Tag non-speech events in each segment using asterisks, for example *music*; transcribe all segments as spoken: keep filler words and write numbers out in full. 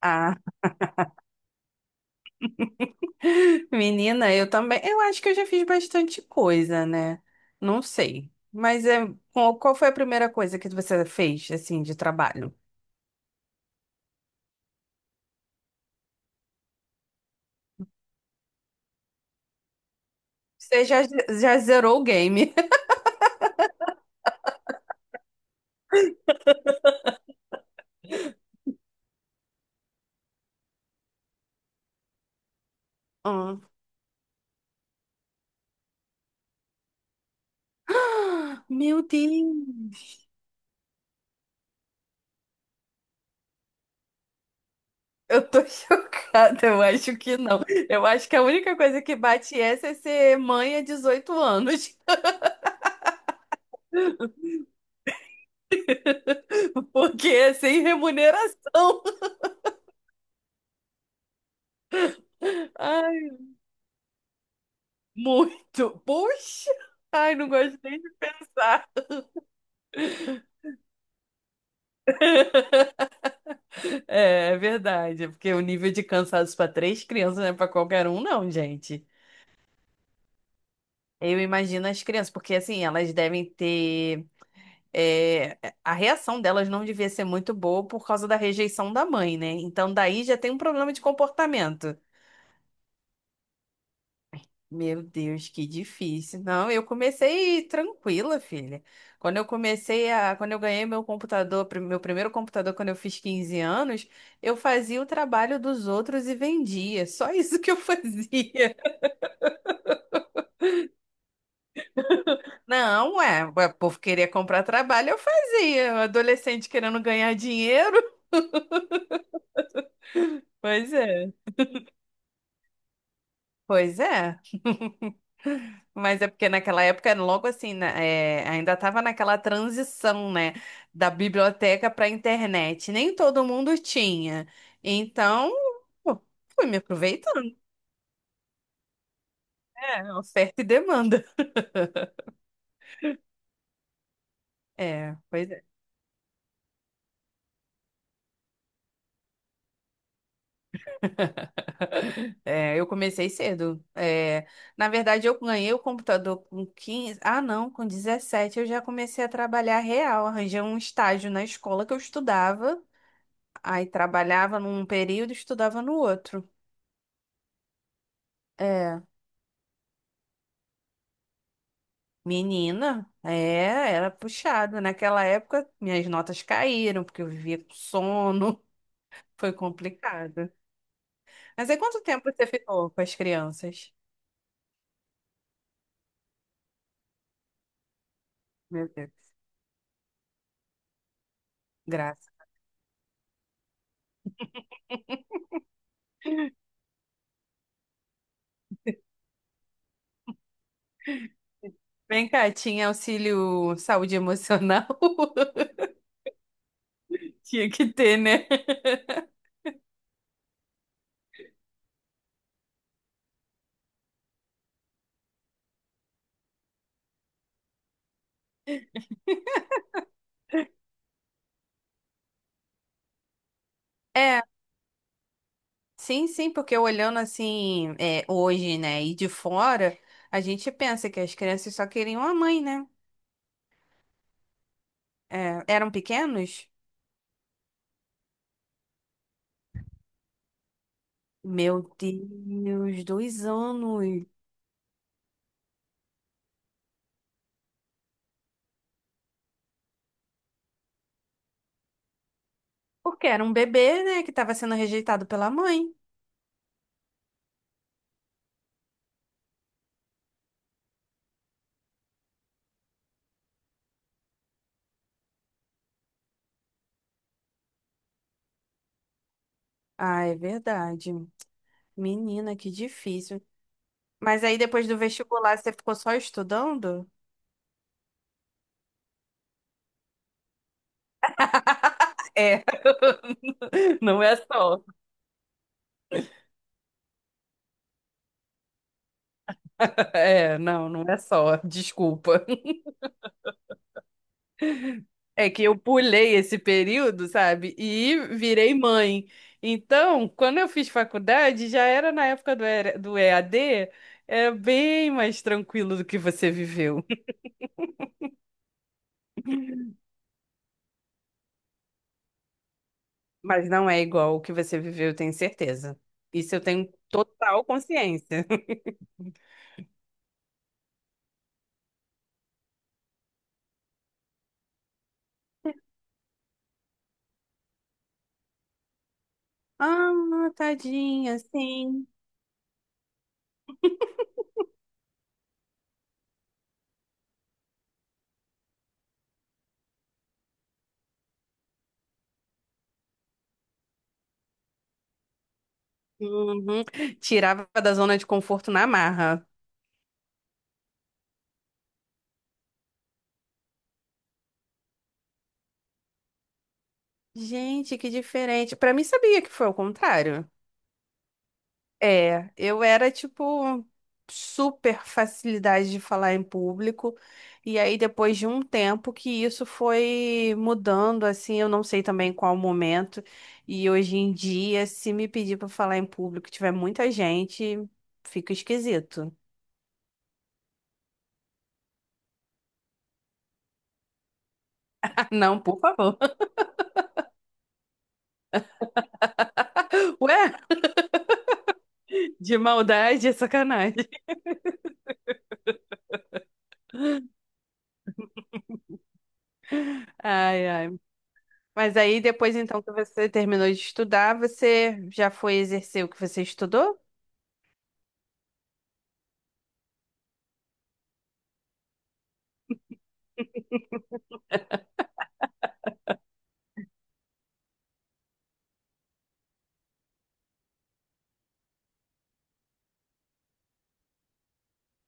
Ah, *laughs* menina, eu também. Eu acho que eu já fiz bastante coisa, né? Não sei. Mas é, qual qual foi a primeira coisa que você fez, assim, de trabalho? Você já, já zerou o game. *laughs* Hum. *gasps* Meu Deus! Eu tô *laughs* chocada, eu acho que não. Eu acho que a única coisa que bate essa é ser mãe há dezoito anos. *laughs* Porque é sem remuneração. *laughs* Ai. Muito. Puxa! Ai, não gosto nem de pensar. É, é verdade, porque o nível de cansaço para três crianças não é para qualquer um, não, gente. Eu imagino as crianças, porque assim, elas devem ter. é, a reação delas não devia ser muito boa por causa da rejeição da mãe, né? Então, daí já tem um problema de comportamento. Meu Deus, que difícil. Não, eu comecei tranquila, filha. Quando eu comecei a, quando eu ganhei meu computador, prim- meu primeiro computador quando eu fiz quinze anos, eu fazia o trabalho dos outros e vendia. Só *laughs* isso que eu *laughs* fazia. Não, é, o povo queria comprar trabalho, eu fazia. Adolescente querendo ganhar dinheiro. Pois é. Pois é. Mas é porque naquela época, logo assim, né, é, ainda estava naquela transição, né, da biblioteca para a internet. Nem todo mundo tinha. Então, pô, fui me aproveitando, né? Oferta e demanda. É, pois é. É, eu comecei cedo. É, na verdade, eu ganhei o computador com quinze. Ah, não, com dezessete eu já comecei a trabalhar real. Arranjei um estágio na escola que eu estudava, aí trabalhava num período e estudava no outro. É. Menina, é, era puxado. Naquela época, minhas notas caíram, porque eu vivia com sono. *laughs* Foi complicado. Mas aí, quanto tempo você ficou com as crianças? Meu Deus, graça. Vem cá, tinha auxílio saúde emocional? *laughs* Tinha que ter, né? É, sim, sim, porque olhando assim, é, hoje, né, e de fora, a gente pensa que as crianças só queriam a mãe, né? É, eram pequenos? Meu Deus, dois anos. Porque era um bebê, né, que estava sendo rejeitado pela mãe. Ah, é verdade. Menina, que difícil. Mas aí depois do vestibular você ficou só estudando? É, *laughs* não é só. É, não, não é só. Desculpa. É que eu pulei esse período, sabe? E virei mãe. Então, quando eu fiz faculdade, já era na época do E R do E A D, é bem mais tranquilo do que você viveu. Mas não é igual o que você viveu, eu tenho certeza. Isso eu tenho total consciência. *laughs* Ah, tadinha, sim. Uhum. Tirava da zona de conforto na marra. Gente, que diferente. Pra mim, sabia que foi o contrário. É, eu era tipo super facilidade de falar em público. E aí depois de um tempo que isso foi mudando, assim, eu não sei também qual momento. E hoje em dia, se me pedir para falar em público, e tiver muita gente, fica esquisito. *laughs* Ah, não, por favor. *laughs* Ué, de maldade, é sacanagem. *laughs* Ai, ai. Mas aí depois então que você terminou de estudar, você já foi exercer o que você estudou?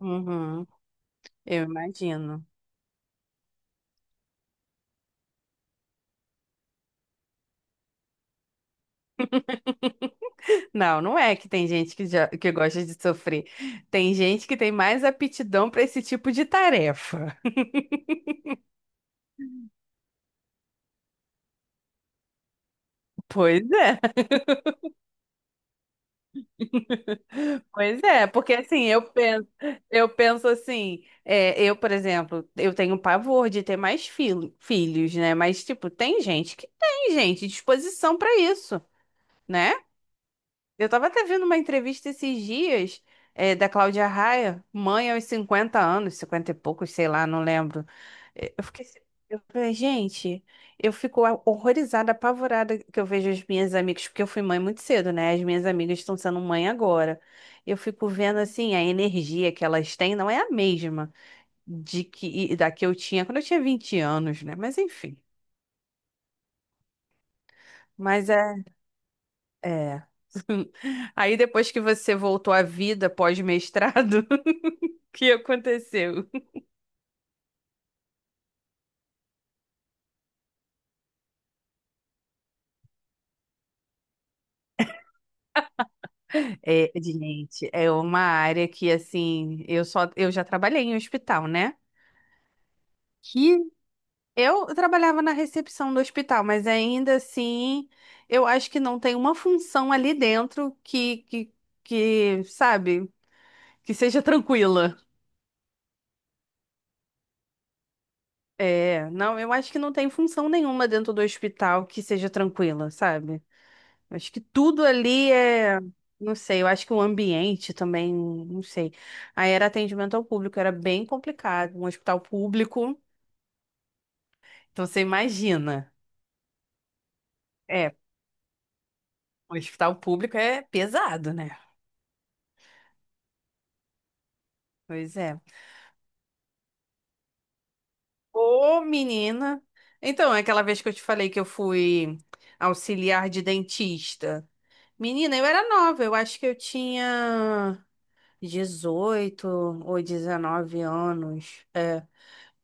Uhum, eu imagino. Não, não é que tem gente que, já, que gosta de sofrer. Tem gente que tem mais aptidão para esse tipo de tarefa. Pois é, *laughs* pois é, porque assim, eu penso, eu penso assim, é, eu, por exemplo, eu tenho pavor de ter mais fil- filhos, né? Mas, tipo, tem gente que tem, gente, disposição para isso, né? Eu tava até vendo uma entrevista esses dias, eh, da Cláudia Raia, mãe aos cinquenta anos. Cinquenta e poucos, sei lá, não lembro. Eh, Eu fiquei, assim- eu falei, gente, eu fico a- horrorizada, apavorada que eu vejo as minhas amigas, porque eu fui mãe muito cedo, né? As minhas amigas estão sendo mãe agora. Eu fico vendo assim, a energia que elas têm não é a mesma de que e da que eu tinha quando eu tinha vinte anos, né? Mas enfim. Mas é, é. *laughs* Aí depois que você voltou à vida pós-mestrado, que aconteceu? É, gente, é uma área que, assim, eu só, eu já trabalhei em hospital, né? Que eu trabalhava na recepção do hospital, mas ainda assim, eu acho que não tem uma função ali dentro que, que, que, sabe, que seja tranquila. É, não, eu acho que não tem função nenhuma dentro do hospital que seja tranquila, sabe? Acho que tudo ali é. Não sei, eu acho que o ambiente também, não sei. Aí era atendimento ao público, era bem complicado. Um hospital público, então você imagina. É, um hospital público é pesado, né? Pois é. Ô, menina. Então, é aquela vez que eu te falei que eu fui auxiliar de dentista. Menina, eu era nova, eu acho que eu tinha dezoito ou dezenove anos. é.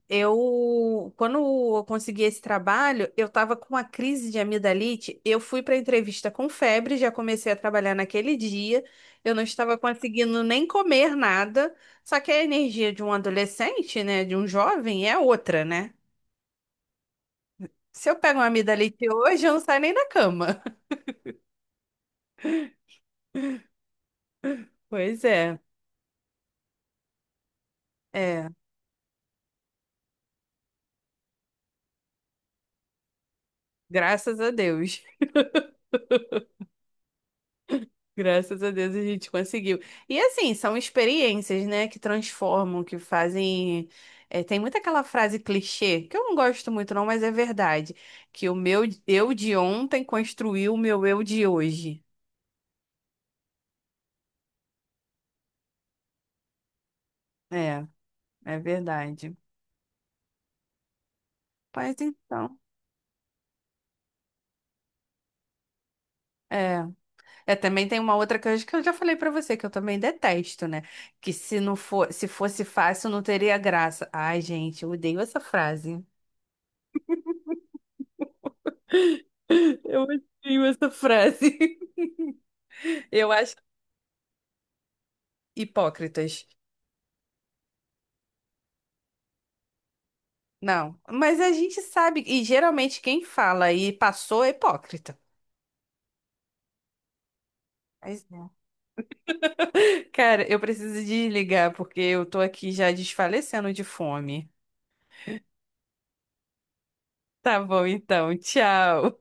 Eu, quando eu consegui esse trabalho, eu estava com uma crise de amidalite. Eu fui para a entrevista com febre, já comecei a trabalhar naquele dia. Eu não estava conseguindo nem comer nada. Só que a energia de um adolescente, né, de um jovem, é outra, né? Se eu pego uma amidalite hoje, eu não saio nem da cama. *laughs* Pois é, é, graças a Deus. Graças a Deus a gente conseguiu. E assim, são experiências, né, que transformam, que fazem. é, tem muito aquela frase clichê, que eu não gosto muito, não, mas é verdade. Que o meu eu de ontem construiu o meu eu de hoje. É, é verdade. Mas então. É. É, também tem uma outra coisa que eu já falei pra você, que eu também detesto, né? Que se não for, se fosse fácil, não teria graça. Ai, gente, eu odeio essa frase. *laughs* Eu odeio essa frase. *laughs* Eu acho. Hipócritas. Não, mas a gente sabe, e geralmente quem fala e passou é hipócrita. Pois é. *laughs* Cara, eu preciso desligar porque eu tô aqui já desfalecendo de fome. Tá bom, então, tchau.